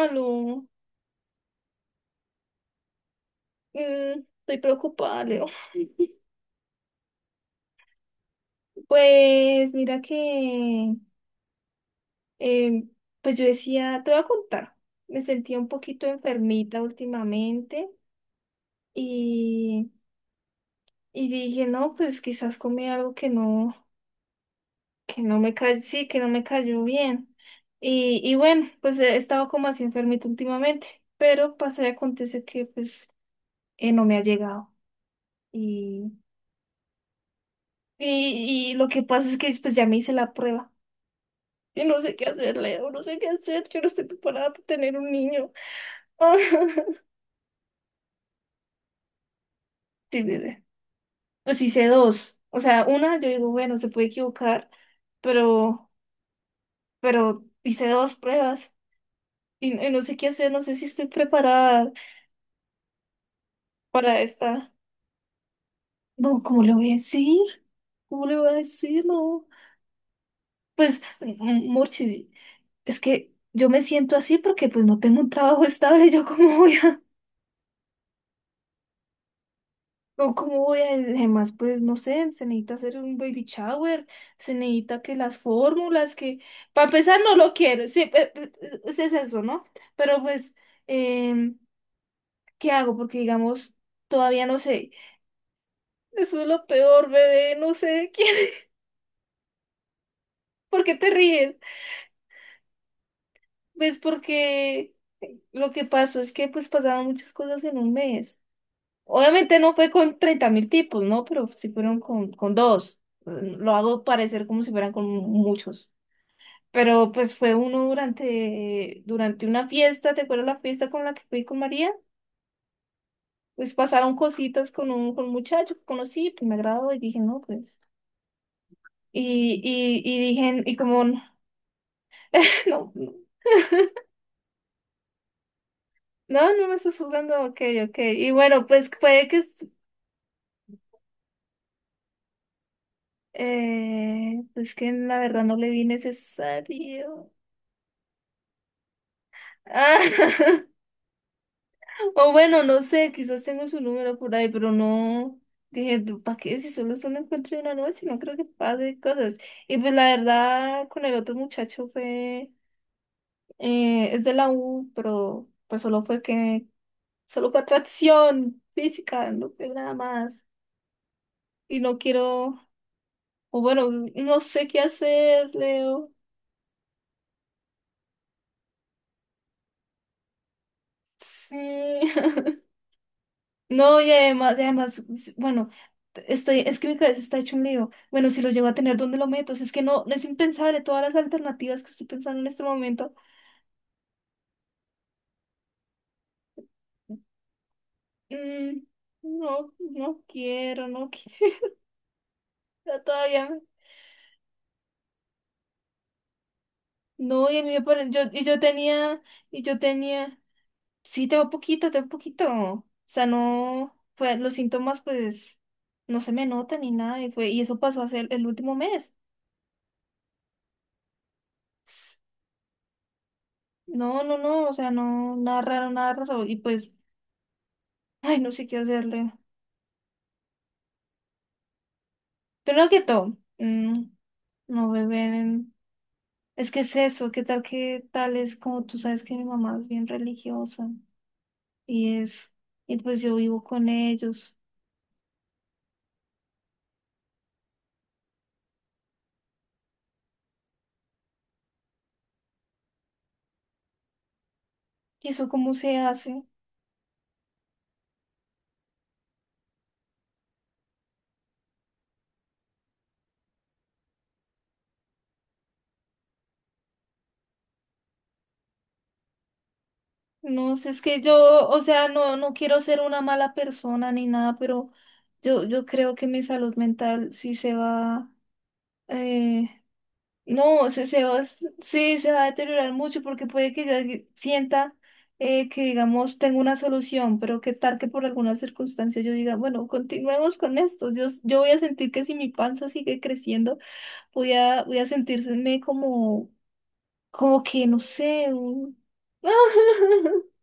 Aló, mm, estoy preocupada, Leo. Pues mira que, eh, pues yo decía, te voy a contar, me sentía un poquito enfermita últimamente y, dije, no, pues quizás comí algo que no me cayó, sí, que no me cayó bien. Y bueno, pues he estado como así enfermita últimamente, pero pasa y acontece que pues no me ha llegado. Y, y lo que pasa es que pues ya me hice la prueba. Y no sé qué hacer, Leo, no sé qué hacer, yo no estoy preparada para tener un niño. Ah, sí, bebé. Pues hice dos. O sea, una yo digo, bueno, se puede equivocar, pero, pero hice dos pruebas y no sé qué hacer, no sé si estoy preparada para esta. No, ¿cómo le voy a decir? ¿Cómo le voy a decir? No. Pues, Murchi, es que yo me siento así porque pues no tengo un trabajo estable, yo cómo voy a... O cómo voy a, además, pues no sé, se necesita hacer un baby shower, se necesita que las fórmulas, que para empezar no lo quiero, sí, es eso, ¿no? Pero pues, em, ¿qué hago? Porque digamos, todavía no sé. Eso es lo peor, bebé, no sé quién, ¿por qué te ríes? Pues porque lo que pasó es que pues pasaron muchas cosas en un mes. Obviamente no fue con 30.000 tipos, ¿no? Pero sí fueron con dos. Lo hago parecer como si fueran con muchos. Pero pues fue uno durante, durante una fiesta, ¿te acuerdas la fiesta con la que fui con María? Pues pasaron cositas con un muchacho que conocí, pues me agradó y dije, no, pues. Y dije, y como, no, no, no, no me estás jugando, ok, ok. Y bueno, pues puede que, pues que la verdad no le vi necesario. Ah, o bueno, no sé, quizás tengo su número por ahí, pero no. Dije, ¿para qué? Si solo es un encuentro de una noche, no creo que pase cosas. Y pues la verdad, con el otro muchacho fue. Es de la U, pero pues solo fue que. Solo fue atracción física, no fue nada más. Y no quiero. O bueno, no sé qué hacer, Leo. Sí. No, y además, bueno, estoy, es que mi cabeza está hecho un lío. Bueno, si lo llego a tener, ¿dónde lo meto? O sea, es que no, no es impensable todas las alternativas que estoy pensando en este momento. Mm, no, no quiero, no quiero todavía. No, y a mí me parece, yo, y yo tenía, sí, tengo poquito, tengo poquito. O sea, no, fue, los síntomas, pues, no se me notan ni nada, y fue, y eso pasó hace el último mes. No, no, no, o sea, no, nada raro, nada raro. Y pues ay, no sé qué hacerle. Primero que todo, mm, no beben. Es que es eso, qué tal que tal es como tú sabes que mi mamá es bien religiosa y es, y pues yo vivo con ellos. ¿Y eso cómo se hace? No sé, es que yo, o sea, no, no quiero ser una mala persona ni nada, pero yo creo que mi salud mental sí se va, eh, no, se va, sí, se va a deteriorar mucho porque puede que yo sienta que, digamos, tengo una solución, pero qué tal que por alguna circunstancia yo diga, bueno, continuemos con esto. Yo, yo voy a sentir que si mi panza sigue creciendo, voy a, voy a sentirme como, como que, no sé, un...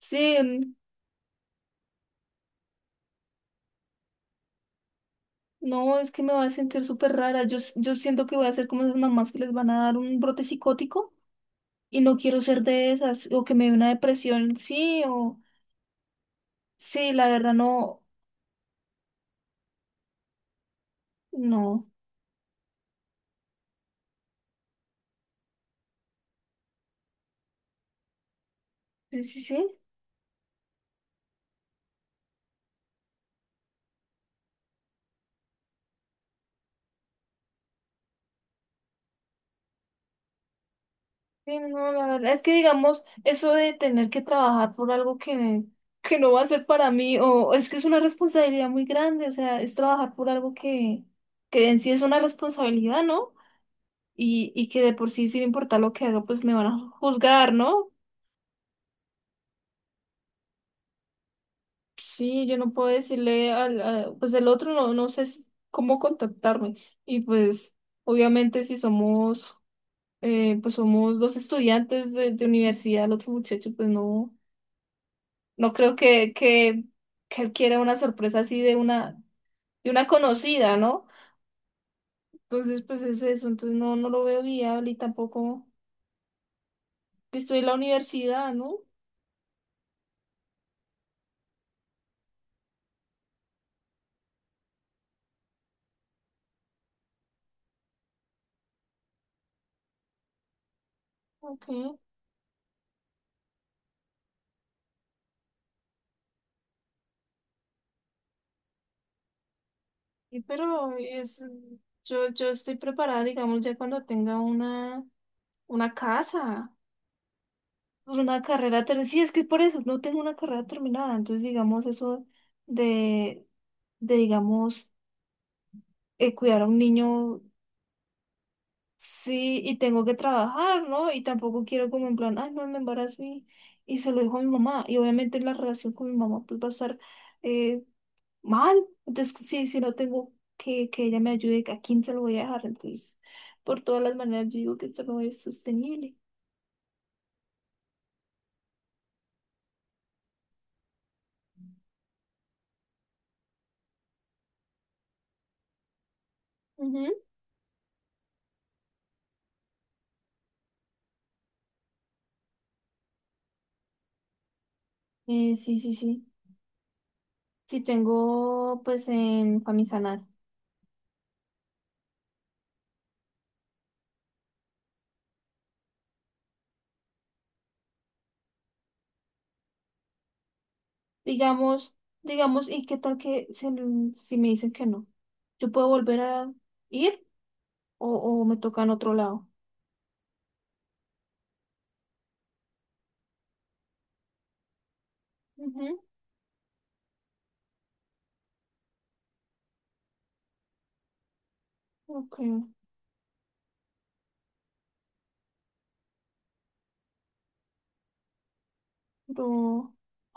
Sí, no, es que me voy a sentir súper rara. Yo, yo siento que voy a ser como esas mamás que les van a dar un brote psicótico y no quiero ser de esas, o que me dé una depresión, sí, o... Sí, la verdad no, no. Sí, sí, sí. Sí, no, la verdad es que digamos, eso de tener que trabajar por algo que no va a ser para mí, o es que es una responsabilidad muy grande, o sea, es trabajar por algo que en sí es una responsabilidad, ¿no? Y que de por sí, sin importar lo que haga, pues me van a juzgar, ¿no? Sí, yo no puedo decirle al, pues el otro no, no sé si- cómo contactarme. Y pues, obviamente, si somos pues somos dos estudiantes de universidad, el otro muchacho, pues no, no creo que él quiera una sorpresa así de una conocida, ¿no? Entonces, pues es eso, entonces no, no lo veo viable y tampoco que estoy en la universidad, ¿no? Ok, y pero es, yo estoy preparada, digamos, ya cuando tenga una casa, pues una carrera terminada. Sí, es que por eso no tengo una carrera terminada, entonces digamos eso de, de digamos cuidar a un niño, sí, y tengo que trabajar, ¿no? Y tampoco quiero como en plan, ay, no, me embarazo y se lo dijo a mi mamá. Y obviamente la relación con mi mamá pues va a estar eh, mal. Entonces, sí, si no tengo que ella me ayude, ¿a quién se lo voy a dejar? Entonces, por todas las maneras, yo digo que esto no es sostenible. Ujú. Sí, sí, sí. Sí tengo, pues, en, para mi sanar. Digamos, digamos, ¿y qué tal que se- si me dicen que no? ¿Yo puedo volver a ir? O, o me toca en otro lado. Ujú. Ok, pero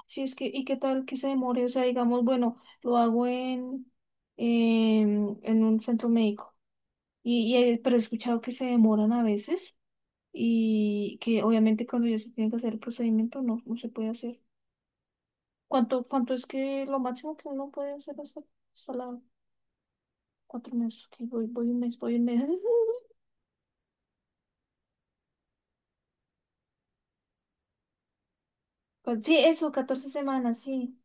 si es que, ¿y qué tal que se demore? O sea, digamos, bueno, lo hago en un centro médico. Y pero he escuchado que se demoran a veces y que obviamente cuando ya se tiene que hacer el procedimiento no, no se puede hacer. ¿Cuánto, cuánto es que lo máximo que uno puede hacer hasta, hasta la cuatro meses? Que voy, voy un mes, voy un mes. Pues sí, eso, 14 semanas, sí.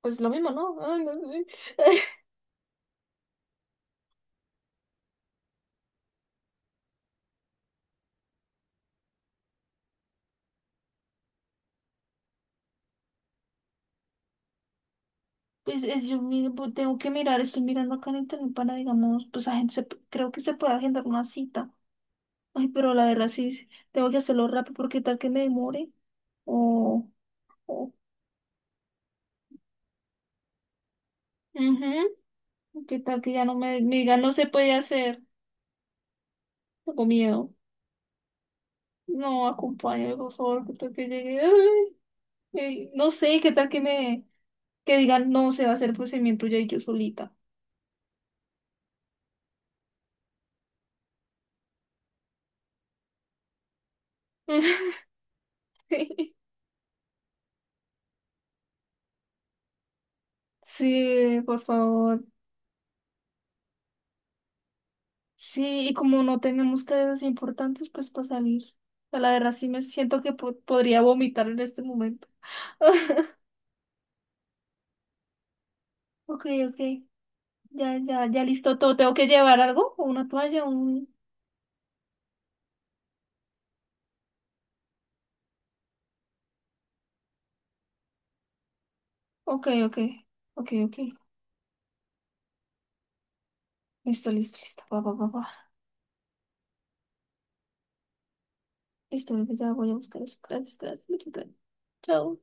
Pues lo mismo, ¿no? Ay, no sé. Pues es, yo pues, tengo que mirar, estoy mirando acá en internet para, digamos, pues a gente, creo que se puede agendar una cita. Ay, pero la verdad sí, sí, tengo que hacerlo rápido porque tal que me demore o, o ujú, qué tal que ya no me, me digan no se puede hacer. Tengo miedo. No, acompáñame, por favor, que tal que llegue. Ay, ay, no sé, qué tal que me, que digan no se va a hacer el procedimiento ya y yo solita. Sí, por favor. Sí, y como no tenemos cadenas importantes, pues para salir. A la verdad sí me siento que podría vomitar en este momento. Ok, ok. Ya, ya, ya listo todo. ¿Tengo que llevar algo? ¿O una toalla? Un... Ok, ok. Ok, ok. Listo, listo, listo. Va, va, va, va. Listo, bebé, ya voy a buscar eso. Gracias, gracias. Muchas gracias. Chao.